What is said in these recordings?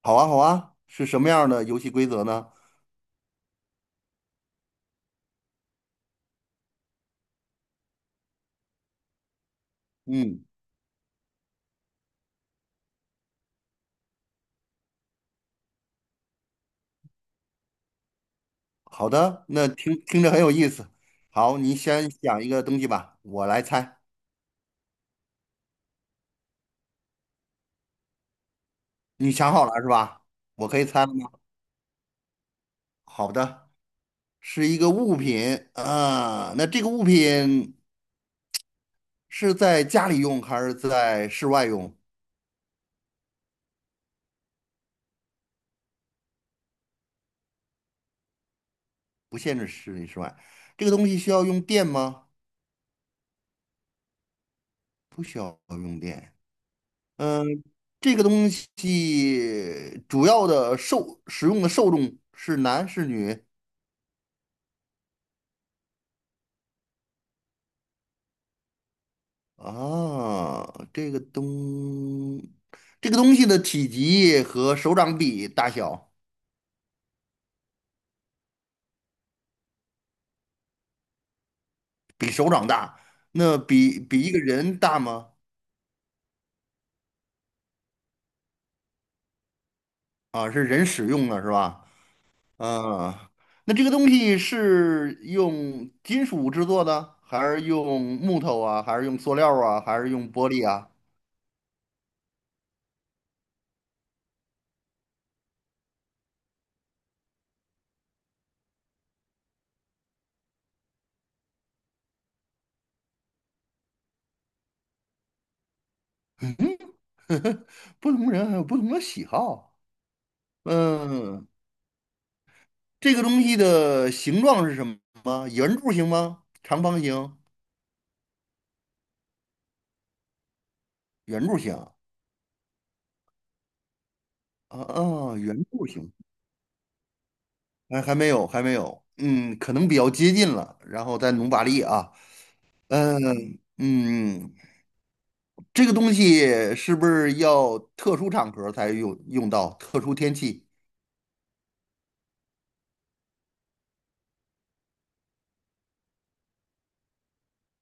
好啊，好啊，是什么样的游戏规则呢？嗯，好的，那听听着很有意思。好，你先想一个东西吧，我来猜。你想好了是吧？我可以猜了吗？好的，是一个物品啊。那这个物品是在家里用还是在室外用？室外，这个东西需要用电吗？不需要用电。嗯，这个东西主要的受使用的受众是男是女？啊，这个东，这个东西的体积和手掌比大小，比手掌大，那比一个人大吗？啊，是人使用的是吧？啊，那这个东西是用金属制作的，还是用木头啊，还是用塑料啊，还是用玻璃啊？不同人还有不同的喜好。嗯，这个东西的形状是什么？圆柱形吗？长方形？圆柱形。啊，啊原住型，还没有，还没有，嗯，可能比较接近了，然后再努把力啊，嗯嗯，这个东西是不是要特殊场合才用到，特殊天气？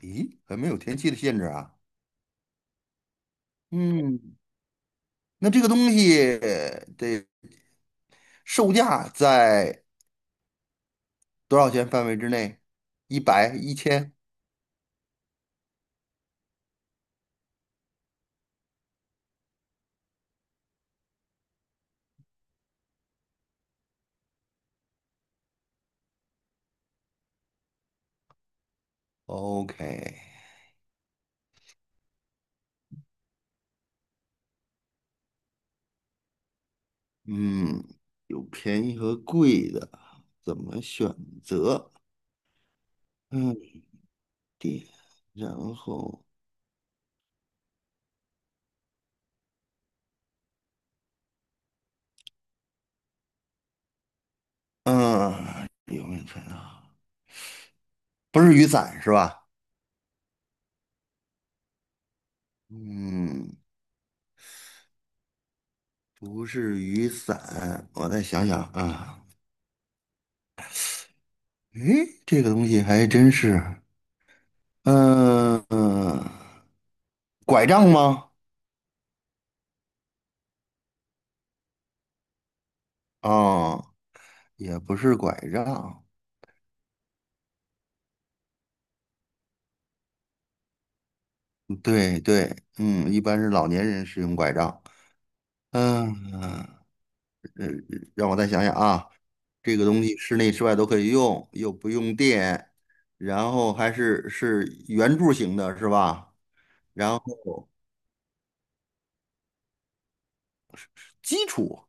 咦，还没有天气的限制啊，嗯，那这个东西得售价在多少钱范围之内？一百、一千？OK，嗯，有便宜和贵的，怎么选择？嗯。然后，嗯，有没有看到？不是雨伞是吧？嗯，不是雨伞，我再想想啊。诶，这个东西还真是，嗯、嗯，拐杖吗？哦，也不是拐杖，对对，嗯，一般是老年人使用拐杖。嗯、呃，让我再想想啊，这个东西室内室外都可以用，又不用电，然后还是圆柱形的，是吧？然后基础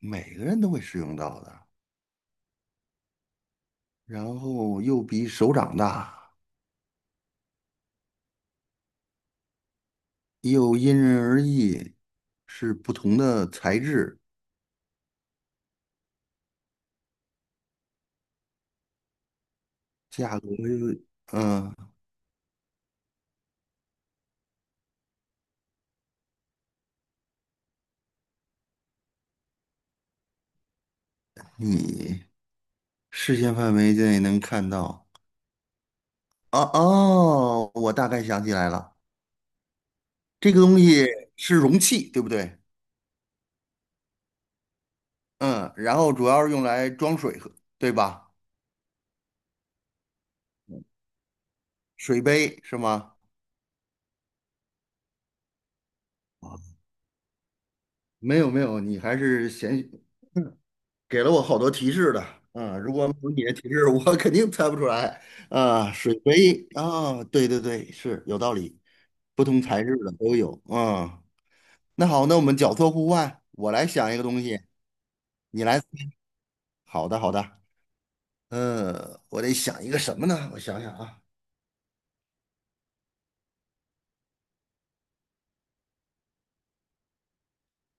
每个人都会使用到的，然后又比手掌大，又因人而异，是不同的材质，价格又，嗯、你视线范围内能看到。哦哦，我大概想起来了，这个东西是容器，对不对？嗯，然后主要是用来装水喝，对吧？水杯是吗？没有没有，你还是先给了我好多提示的。嗯，如果没有你的提示，我 肯定猜不出来。啊，水杯啊，对对对，是有道理，不同材质的都有。嗯，那好，那我们角色互换，我来想一个东西，你来。好的好的，嗯，我得想一个什么呢？我想想啊，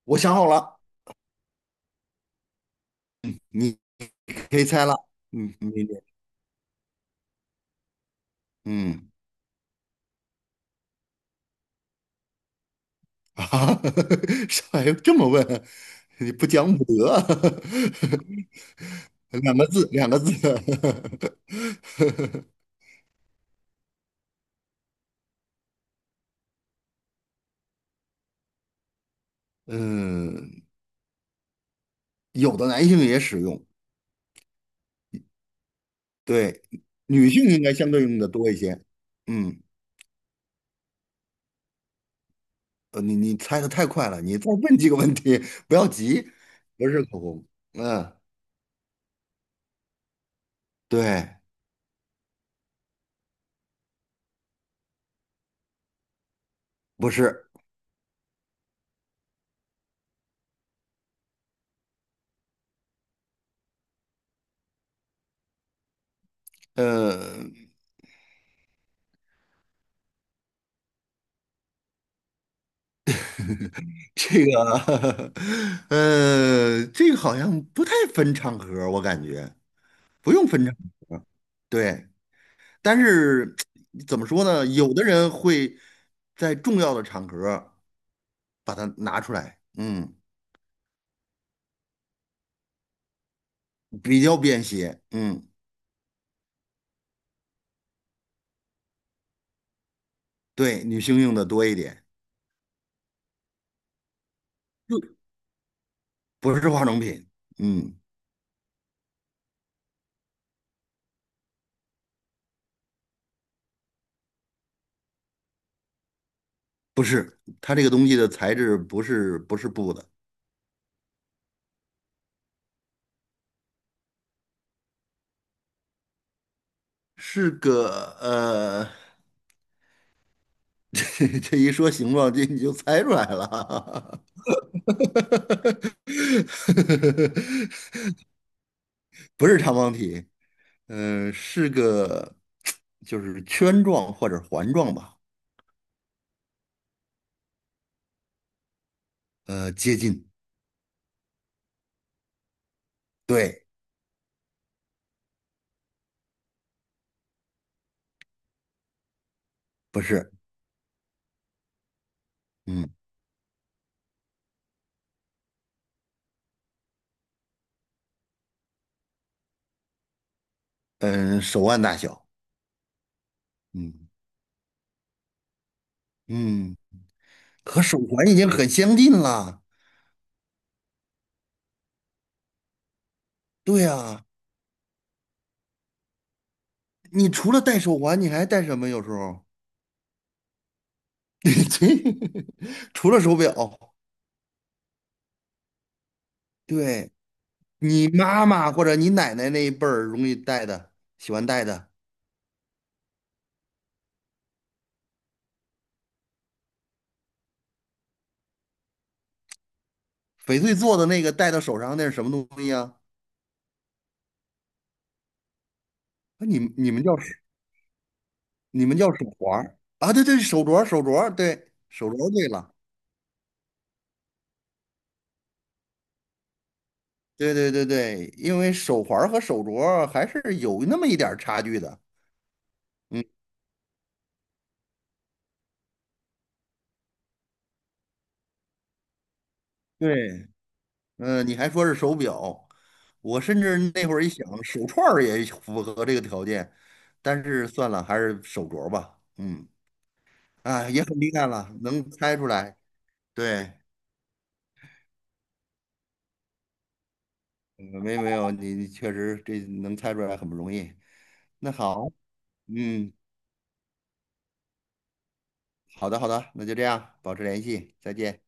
我想好了，你可以猜了。嗯，你嗯。啊，上海这么问，你不讲武德，两个字，两个字。嗯，有的男性也使用，对，女性应该相对用的多一些。嗯，呃，你猜的太快了，你再问几个问题，不要急，不是口红，嗯，对，不是，呃，这个，呃，这个好像不太分场合，我感觉。不用分场合，对，但是怎么说呢？有的人会在重要的场合把它拿出来，嗯，比较便携，嗯，对，女性用的多一点，就不是化妆品，嗯，不是，它这个东西的材质不是布的，是个呃，这一说形状，这你就猜出来了，不是长方体，呃，是个就是圈状或者环状吧，呃，接近，对，不是，嗯嗯，手腕大小，嗯嗯，和手环已经很相近了。对呀，你除了戴手环，你还戴什么？有时候，这除了手表，对你妈妈或者你奶奶那一辈儿容易戴的，喜欢戴的翡翠做的那个戴到手上那是什么东西呀？啊你们叫你们叫手环儿啊？对对，手镯儿对，手镯儿对了，对对对对，因为手环儿和手镯儿还是有那么一点儿差距的。嗯，对，你还说是手表，我甚至那会儿一想，手串儿也符合这个条件，但是算了，还是手镯儿吧。嗯，啊，也很厉害了，能猜出来。对，嗯没没有，你你确实这能猜出来很不容易。那好，嗯，好的好的，那就这样，保持联系，再见。